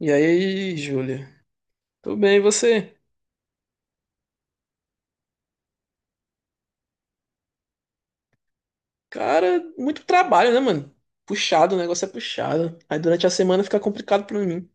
E aí, Júlia? Tudo bem, e você? Cara, muito trabalho, né, mano? Puxado, o negócio é puxado. Aí durante a semana fica complicado pra mim.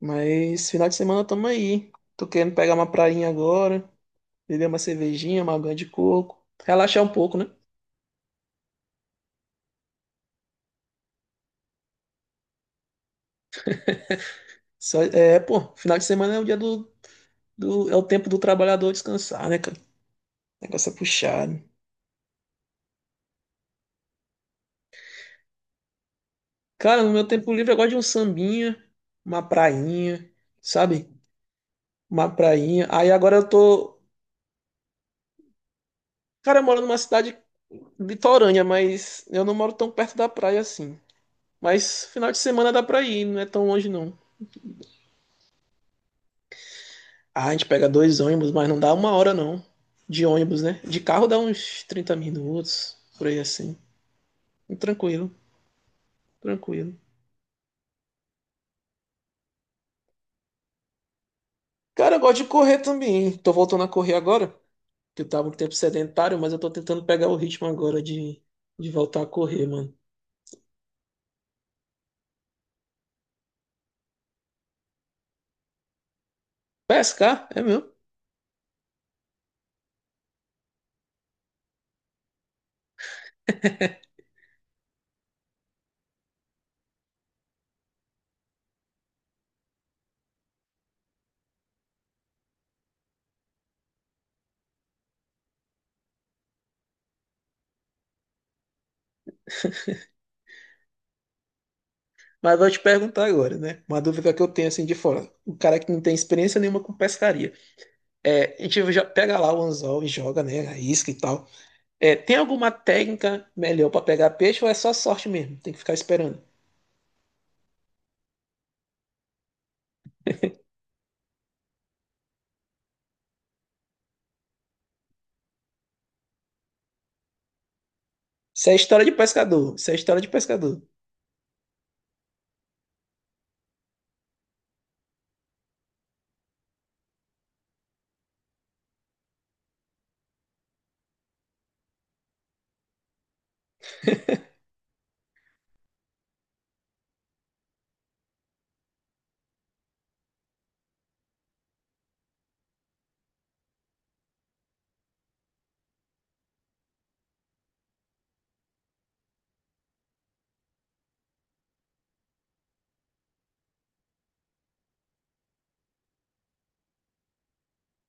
Mas final de semana tamo aí. Tô querendo pegar uma prainha agora, beber uma cervejinha, uma água de coco, relaxar um pouco, né? É, pô, final de semana é o dia do, é o tempo do trabalhador descansar, né, cara? O negócio é puxado. Cara, no meu tempo livre eu gosto de um sambinha, uma prainha, sabe? Uma prainha. Aí agora eu tô. Cara, eu moro numa cidade litorânea, mas eu não moro tão perto da praia assim. Mas final de semana dá pra ir, não é tão longe não. Ah, a gente pega dois ônibus, mas não dá uma hora não. De ônibus, né? De carro dá uns 30 minutos, por aí assim. Tranquilo, tranquilo. Cara, eu gosto de correr também. Tô voltando a correr agora, que eu tava um tempo sedentário, mas eu tô tentando pegar o ritmo agora de voltar a correr, mano. Pescar? É mesmo. Mas vou te perguntar agora, né? Uma dúvida que eu tenho assim de fora. O cara que não tem experiência nenhuma com pescaria. É, a gente já pega lá o anzol e joga, né? A isca e tal. É, tem alguma técnica melhor para pegar peixe ou é só sorte mesmo? Tem que ficar esperando. Isso é história de pescador. Isso é história de pescador.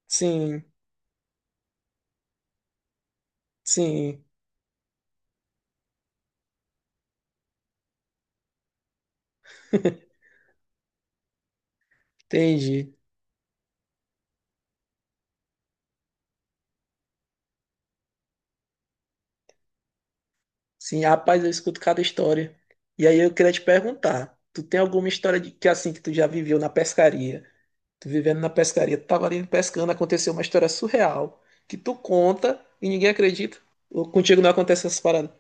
Sim, sim, entendi. Sim, rapaz, eu escuto cada história. E aí eu queria te perguntar, tu tem alguma história de que assim que tu já viveu na pescaria? Tu vivendo na pescaria, tu tava ali pescando, aconteceu uma história surreal que tu conta e ninguém acredita. Ou contigo não acontece essas paradas.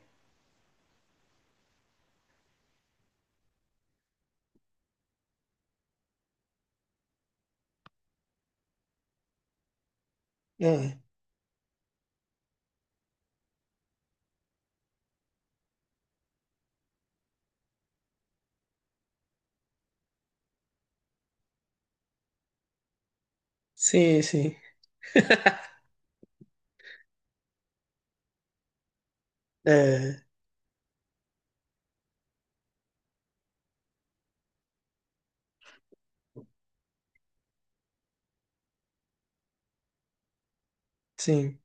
Ah, sim, sim. É, sim.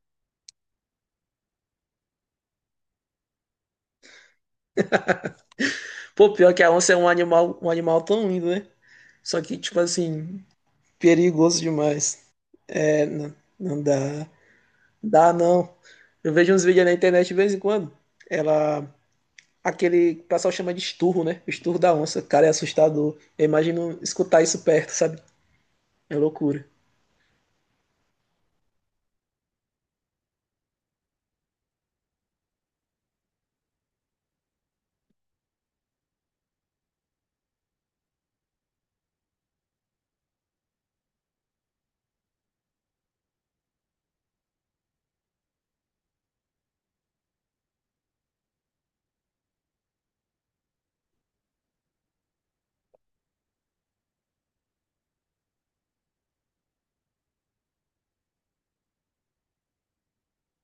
Pô, pior que a onça é um animal tão lindo, né? Só que, tipo assim, perigoso demais. É, não, não dá. Dá não. Eu vejo uns vídeos na internet de vez em quando. Ela. Aquele que o pessoal chama de esturro, né? O esturro da onça. Cara, é assustador. Eu imagino escutar isso perto, sabe? É loucura.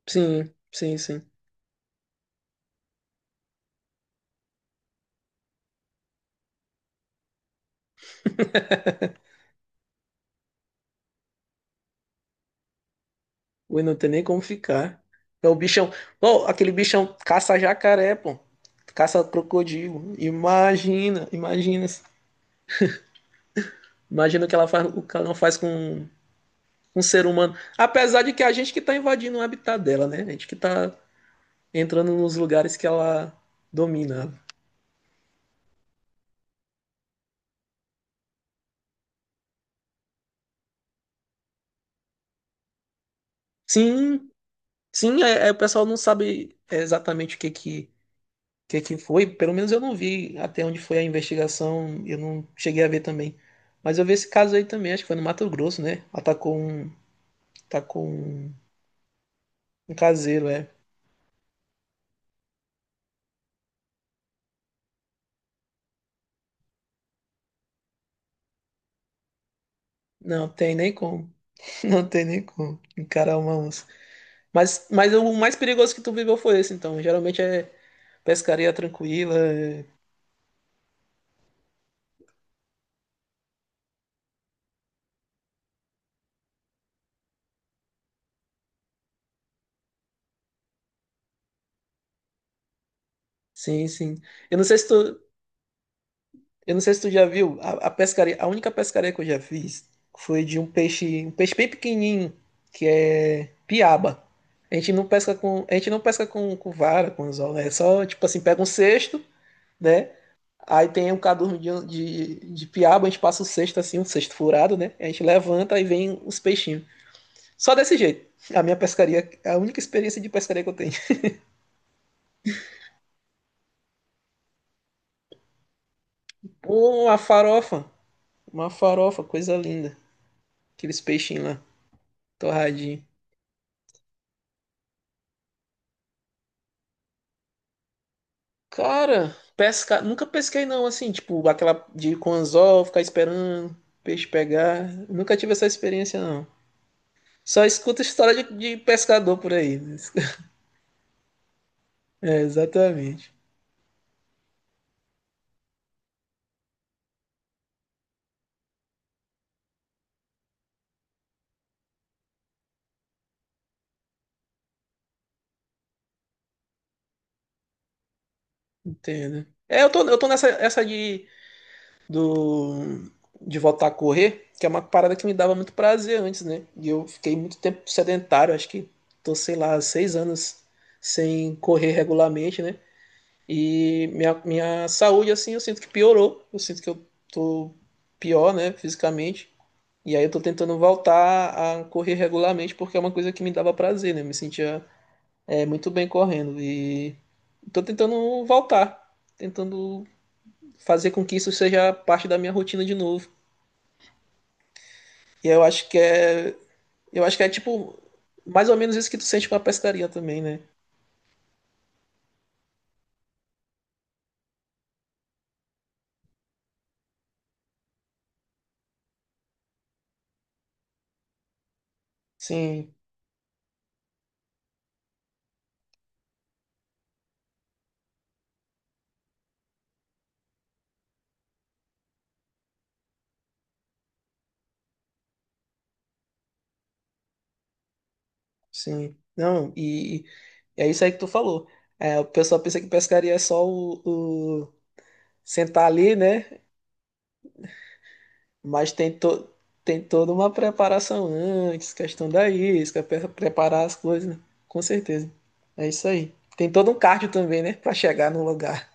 Sim, sim, sim. Ui, não tem nem como ficar. É o bichão. Pô, aquele bichão caça jacaré, pô. Caça crocodilo. Imagina, imagina. Imagina o que ela faz, o que ela não faz com um ser humano. Apesar de que a gente que tá invadindo o habitat dela, né? A gente que tá entrando nos lugares que ela domina. Sim, sim, é, é, o pessoal não sabe exatamente o que que foi, pelo menos eu não vi até onde foi a investigação, eu não cheguei a ver também. Mas eu vi esse caso aí também, acho que foi no Mato Grosso, né? Atacou um, um caseiro, é. Não tem nem como, não tem nem como encarar uma onça. Mas o mais perigoso que tu viveu foi esse, então. Geralmente é pescaria tranquila, é- sim, sim. Eu não sei se tu, Eu não sei se tu já viu, a pescaria, a única pescaria que eu já fiz foi de um peixe bem pequenininho, que é piaba. A gente não pesca com, a gente não pesca com vara, com anzol, né? É só, tipo assim, pega um cesto, né? Aí tem um cadurno de piaba, a gente passa o cesto assim, um cesto furado, né? A gente levanta e vem os peixinhos. Só desse jeito. A minha pescaria, a única experiência de pescaria que eu tenho. Pô, uma farofa, uma farofa, coisa linda. Aqueles peixinhos lá, torradinho. Cara, pesca... nunca pesquei não, assim, tipo, aquela de ir com anzol, ficar esperando peixe pegar. Nunca tive essa experiência não. Só escuto história de pescador por aí. É, exatamente. Entendo. É, eu tô nessa essa do, de voltar a correr, que é uma parada que me dava muito prazer antes, né? E eu fiquei muito tempo sedentário, acho que tô, sei lá, seis anos sem correr regularmente, né? E minha saúde, assim, eu sinto que piorou. Eu sinto que eu tô pior, né, fisicamente. E aí eu tô tentando voltar a correr regularmente porque é uma coisa que me dava prazer, né? Eu me sentia é, muito bem correndo. E tô tentando voltar, tentando fazer com que isso seja parte da minha rotina de novo. E eu acho que é. Eu acho que é tipo mais ou menos isso que tu sente com a pescaria também, né? Sim, sim. Não. E é isso aí que tu falou. É, o pessoal pensa que pescaria é só o sentar ali, né? Mas tem toda uma preparação antes, questão da isca, preparar as coisas, né? Com certeza. É isso aí. Tem todo um cardio também, né? Pra chegar no lugar.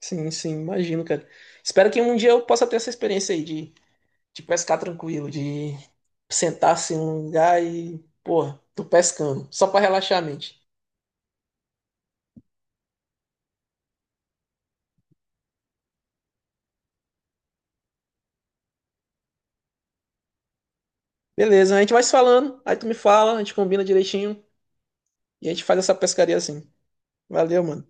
Sim, sim, imagino, cara. Espero que um dia eu possa ter essa experiência aí de pescar tranquilo, de sentar assim num lugar e, porra, tô pescando, só pra relaxar a mente. Beleza, a gente vai se falando, aí tu me fala, a gente combina direitinho. E a gente faz essa pescaria assim. Valeu, mano.